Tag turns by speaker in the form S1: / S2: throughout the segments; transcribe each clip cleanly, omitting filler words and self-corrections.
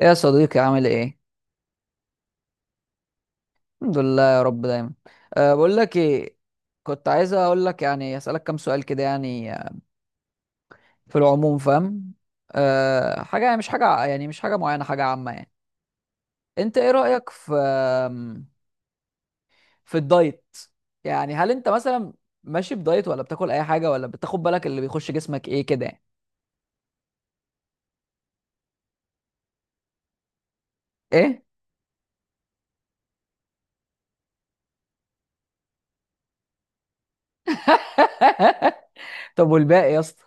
S1: ايه يا صديقي، عامل ايه؟ الحمد لله يا رب دايما. بقول لك ايه، كنت عايز اقول لك، يعني اسالك كام سؤال كده، يعني في العموم، فاهم؟ حاجه يعني، مش حاجه معينه، حاجه عامه يعني. انت ايه رايك في في الدايت؟ يعني هل انت مثلا ماشي بدايت، ولا بتاكل اي حاجه، ولا بتاخد بالك اللي بيخش جسمك ايه كده يعني؟ ايه. طب والباقي يا اسطى؟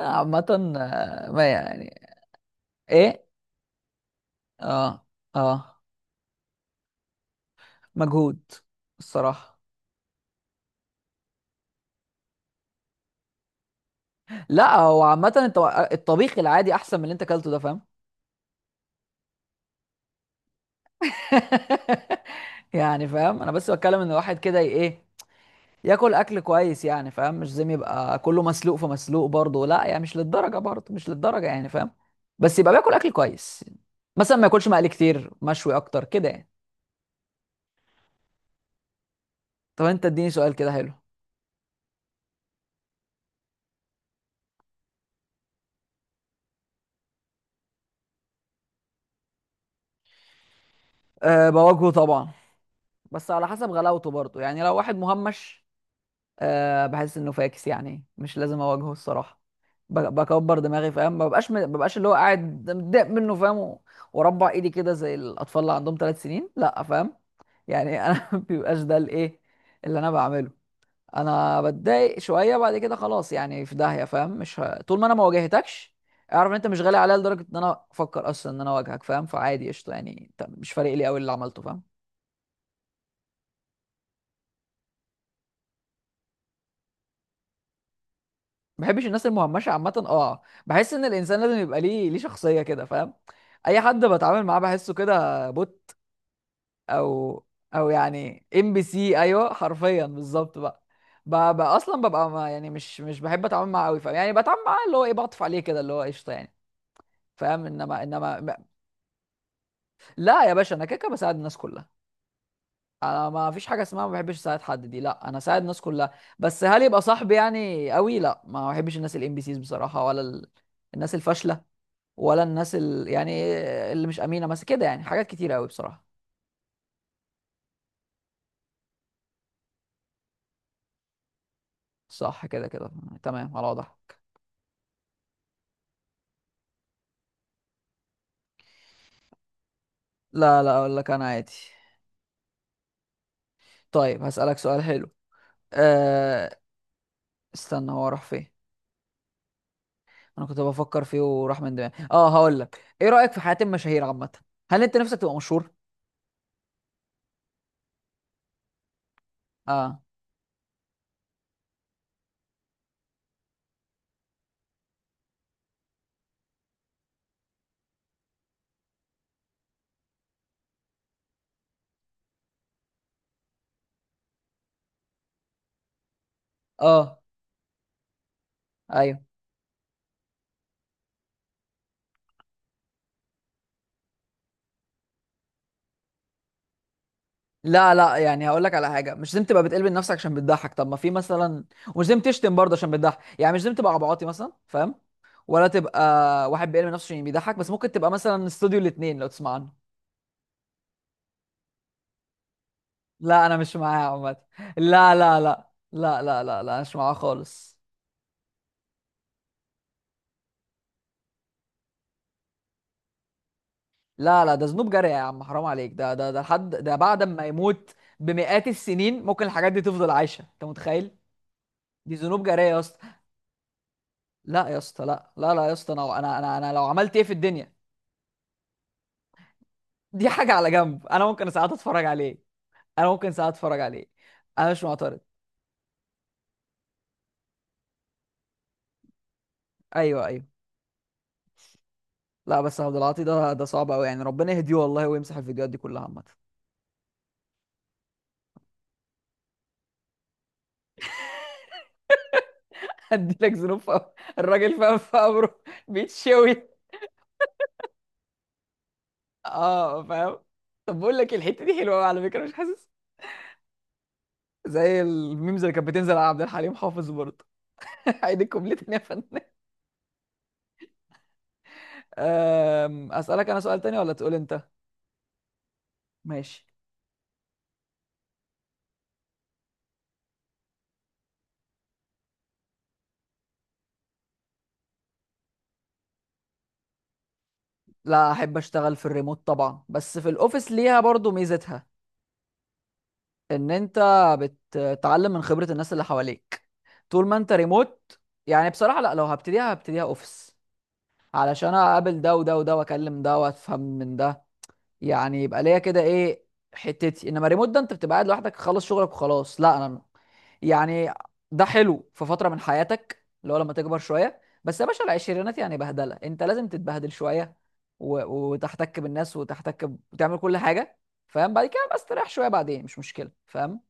S1: عامه. ما يعني. ايه. اه. اه. مجهود. الصراحه. لا هو عامة انت، الطبيخ العادي احسن من اللي انت اكلته ده، فاهم؟ يعني فاهم، انا بس بتكلم ان الواحد كده ايه، ياكل اكل كويس، يعني فاهم؟ مش زي ما يبقى كله مسلوق في مسلوق برضه، لا يعني مش للدرجة برضه، مش للدرجة يعني، فاهم؟ بس يبقى بياكل اكل كويس. مثلا ما ياكلش مقلي كتير، مشوي اكتر كده يعني. طب انت اديني سؤال كده حلو. بواجهه طبعا، بس على حسب غلاوته برضه، يعني لو واحد مهمش، بحس انه فاكس، يعني مش لازم اواجهه الصراحة. بكبر دماغي، فاهم؟ ما ببقاش اللي هو قاعد متضايق منه، فاهم؟ واربع ايدي كده زي الاطفال اللي عندهم ثلاث سنين، لا فاهم؟ يعني انا ما بيبقاش ده الايه، اللي انا بعمله انا بتضايق شويه، بعد كده خلاص، يعني في داهيه، فاهم؟ مش طول ما انا ما واجهتكش، اعرف ان انت مش غالي عليا لدرجه ان انا افكر اصلا ان انا اواجهك، فاهم؟ فعادي قشطه يعني، انت مش فارق لي قوي اللي عملته، فاهم؟ ما بحبش الناس المهمشه عامه، اه بحس ان الانسان لازم يبقى ليه شخصيه كده، فاهم؟ اي حد بتعامل معاه بحسه كده بوت. او. او يعني ام بي سي، ايوه حرفيا بالظبط بقى. بقى اصلا ببقى ما يعني مش مش بحب اتعامل معاه قوي، فاهم؟ يعني بتعامل معاه اللي هو ايه، بعطف عليه كده اللي هو قشطه يعني، فاهم؟ انما لا يا باشا، انا كده كده بساعد الناس كلها. انا ما فيش حاجه اسمها ما بحبش اساعد حد دي، لا انا اساعد الناس كلها. بس هل يبقى صاحبي يعني قوي؟ لا، ما بحبش الناس الام بي سيز بصراحه، ولا الناس الفاشله، ولا الناس يعني اللي مش امينه، بس كده يعني، حاجات كتير قوي بصراحه. صح كده كده. تمام على وضعها. لا لا، اقول لك انا عادي. طيب هسألك سؤال حلو. أه... استنى، هو راح فين؟ انا كنت بفكر فيه وراح من دماغي. اه هقول لك، ايه رأيك في حياة المشاهير عامة؟ هل انت نفسك تبقى مشهور؟ اه. اه. ايوه. لا لا، يعني هقول لك على حاجه، مش لازم تبقى بتقلب نفسك عشان بتضحك. طب ما في مثلا، ومش لازم تشتم برضه عشان بتضحك، يعني مش لازم تبقى عبعاطي مثلا، فاهم؟ ولا تبقى واحد بيقلب نفسه عشان بيضحك. بس ممكن تبقى مثلا استوديو الاثنين لو تسمع عنه. لا انا مش معاها عامه. لا لا لا لا لا لا لا، مش معاها خالص. لا لا، ده ذنوب جارية يا عم، حرام عليك. ده ده ده لحد ده بعد ما يموت، بمئات السنين ممكن الحاجات دي تفضل عايشة، انت متخيل؟ دي ذنوب جارية يا اسطى. لا يا اسطى، لا لا لا يا اسطى، انا انا انا، أنا لو عملت ايه في الدنيا. دي حاجة على جنب، انا ممكن ساعات اتفرج عليه. انا ممكن ساعات اتفرج عليه. انا مش معترض. ايوه ايوه. لا بس عبد العاطي ده، ده صعب قوي يعني، ربنا يهديه والله ويمسح الفيديوهات دي كلها عامة. هديلك ذنوب في قبره. الراجل فاهم في قبره بيتشوي. اه فاهم. طب بقول لك إيه، الحتة دي حلوة قوي على فكرة، مش حاسس؟ زي الميمز اللي كانت بتنزل على عبد الحليم حافظ برضه. عيد الكوبليه تاني يا فنان. اسالك انا سؤال تاني ولا تقول انت؟ ماشي. لا احب اشتغل في الريموت طبعا، بس في الاوفيس ليها برضه ميزتها، ان انت بتتعلم من خبرة الناس اللي حواليك، طول ما انت ريموت. يعني بصراحة لا، لو هبتديها هبتديها اوفيس، علشان اقابل ده وده وده، واكلم ده وافهم من ده، يعني يبقى ليا كده ايه، حتتي. انما ريموت ده انت بتبقى قاعد لوحدك، خلص شغلك وخلاص. لا انا يعني، ده حلو في فتره من حياتك اللي هو لما تكبر شويه، بس يا باشا العشرينات يعني بهدله، انت لازم تتبهدل شويه، وتحتك بالناس، وتحتك وتعمل كل حاجه، فاهم؟ بعد كده بس تريح شويه بعدين مش مشكله، فاهم؟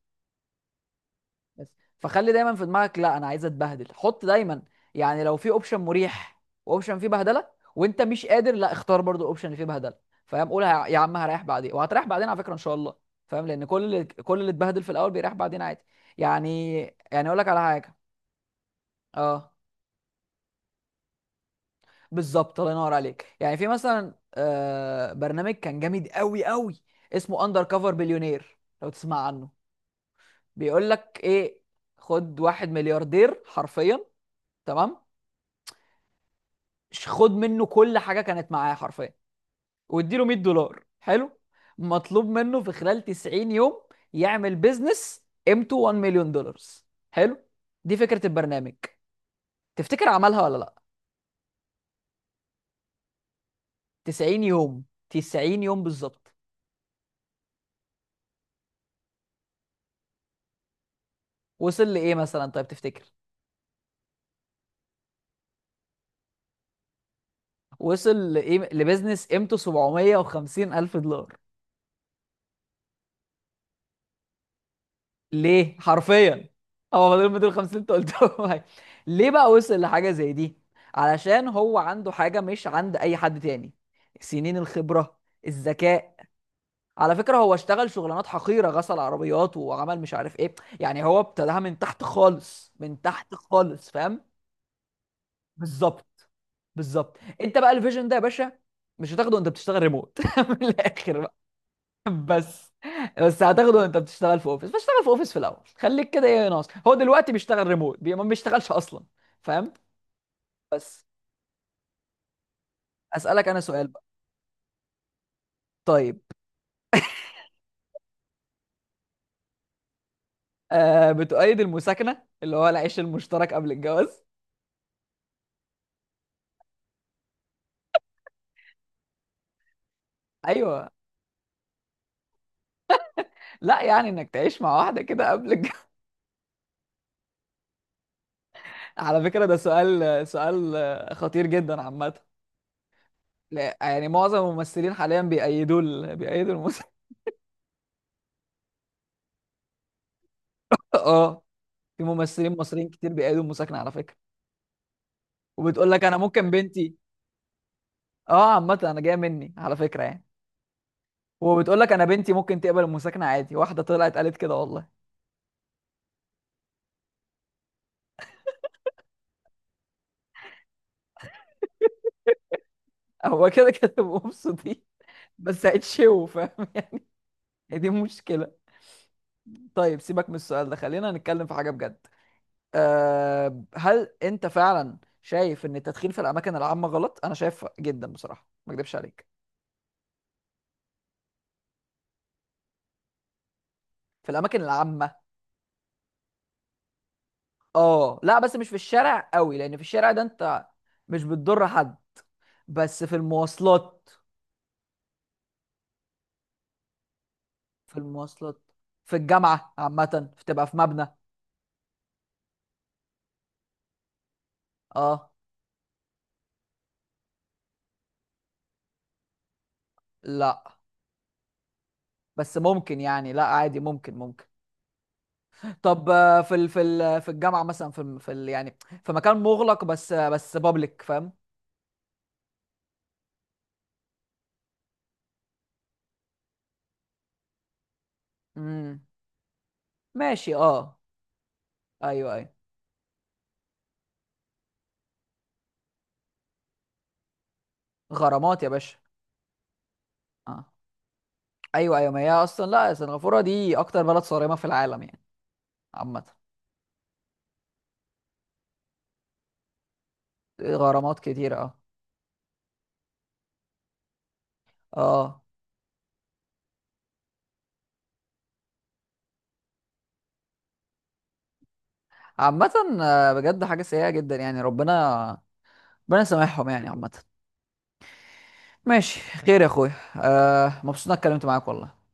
S1: بس فخلي دايما في دماغك، لا انا عايز اتبهدل، حط دايما. يعني لو في اوبشن مريح واوبشن فيه بهدله، وانت مش قادر، لا اختار برضو الاوبشن اللي فيه بهدله، فاهم؟ قول يا عم هريح بعدين، وهتريح بعدين على فكره ان شاء الله، فاهم؟ لان كل اللي اتبهدل في الاول بيريح بعدين، عادي يعني. يعني اقول لك على حاجه. اه. بالظبط الله ينور عليك. يعني في مثلا برنامج كان جامد قوي قوي، اسمه اندر كفر بليونير لو تسمع عنه. بيقول لك ايه، خد واحد ملياردير حرفيا، تمام، خد منه كل حاجه كانت معاه حرفيا، واديله $100، حلو، مطلوب منه في خلال 90 يوم يعمل بيزنس قيمته 1 مليون دولار، حلو؟ دي فكره البرنامج. تفتكر عملها ولا لا؟ 90 يوم، 90 يوم بالظبط. وصل لايه مثلا طيب تفتكر؟ وصل لايه لبيزنس قيمته 750 الف دولار. ليه حرفيا؟ هو فاضل 250 اللي انت قلتهم. هاي. ليه بقى وصل لحاجه زي دي؟ علشان هو عنده حاجه مش عند اي حد تاني، سنين الخبره، الذكاء. على فكره هو اشتغل شغلانات حقيره، غسل عربيات، وعمل مش عارف ايه، يعني هو ابتداها من تحت خالص، من تحت خالص، فاهم؟ بالظبط. بالظبط. انت بقى الفيجن ده يا باشا، مش هتاخده وانت بتشتغل ريموت من الاخر. بس بس هتاخده وانت بتشتغل في اوفيس، فاشتغل في اوفيس في الاول، خليك كده ايه، ناقص هو دلوقتي بيشتغل ريموت، بي ما بيشتغلش اصلا، فاهم؟ بس اسالك انا سؤال بقى. طيب. بتؤيد المساكنه، اللي هو العيش المشترك قبل الجواز؟ ايوه. لا يعني انك تعيش مع واحده كده قبل الجواز. على فكره ده سؤال خطير جدا عامه. لا، يعني معظم الممثلين حاليا بيأيدوا بيأيدوا المساكنه. اه. في ممثلين مصريين كتير بيأيدوا المساكنه على فكره. وبتقول لك انا ممكن بنتي، اه عامة انا جاية مني على فكرة يعني. وبتقول لك انا بنتي ممكن تقبل المساكنة عادي، واحدة طلعت قالت كده والله. هو كده كده بيبقوا مبسوطين، بس هيتشوا، فاهم؟ هي دي مشكلة. طيب سيبك من السؤال ده، خلينا نتكلم في حاجة بجد. هل انت فعلا شايف ان التدخين في الاماكن العامة غلط؟ انا شايف جدا بصراحة، ما اكدبش عليك. في الاماكن العامة. اه لا بس مش في الشارع قوي، لان في الشارع ده انت مش بتضر حد، بس في المواصلات، في المواصلات، في الجامعة عامة بتبقى في مبنى. اه لا بس ممكن يعني، لا عادي ممكن ممكن. طب في الجامعة مثلا، في ال في ال يعني في مكان مغلق بس بس بابليك، فاهم؟ امم ماشي. اه. ايوه ايوه. غرامات يا باشا. اه. ايوه ايوه، ما هي اصلا لا سنغافورة دي اكتر بلد صارمة في العالم يعني. عامة. غرامات كتير، اه. اه. عامة. بجد حاجة سيئة جدا، يعني ربنا، ربنا يسامحهم يعني عامة. ماشي. خير يا اخويا، مبسوط اني اتكلمت معاك والله.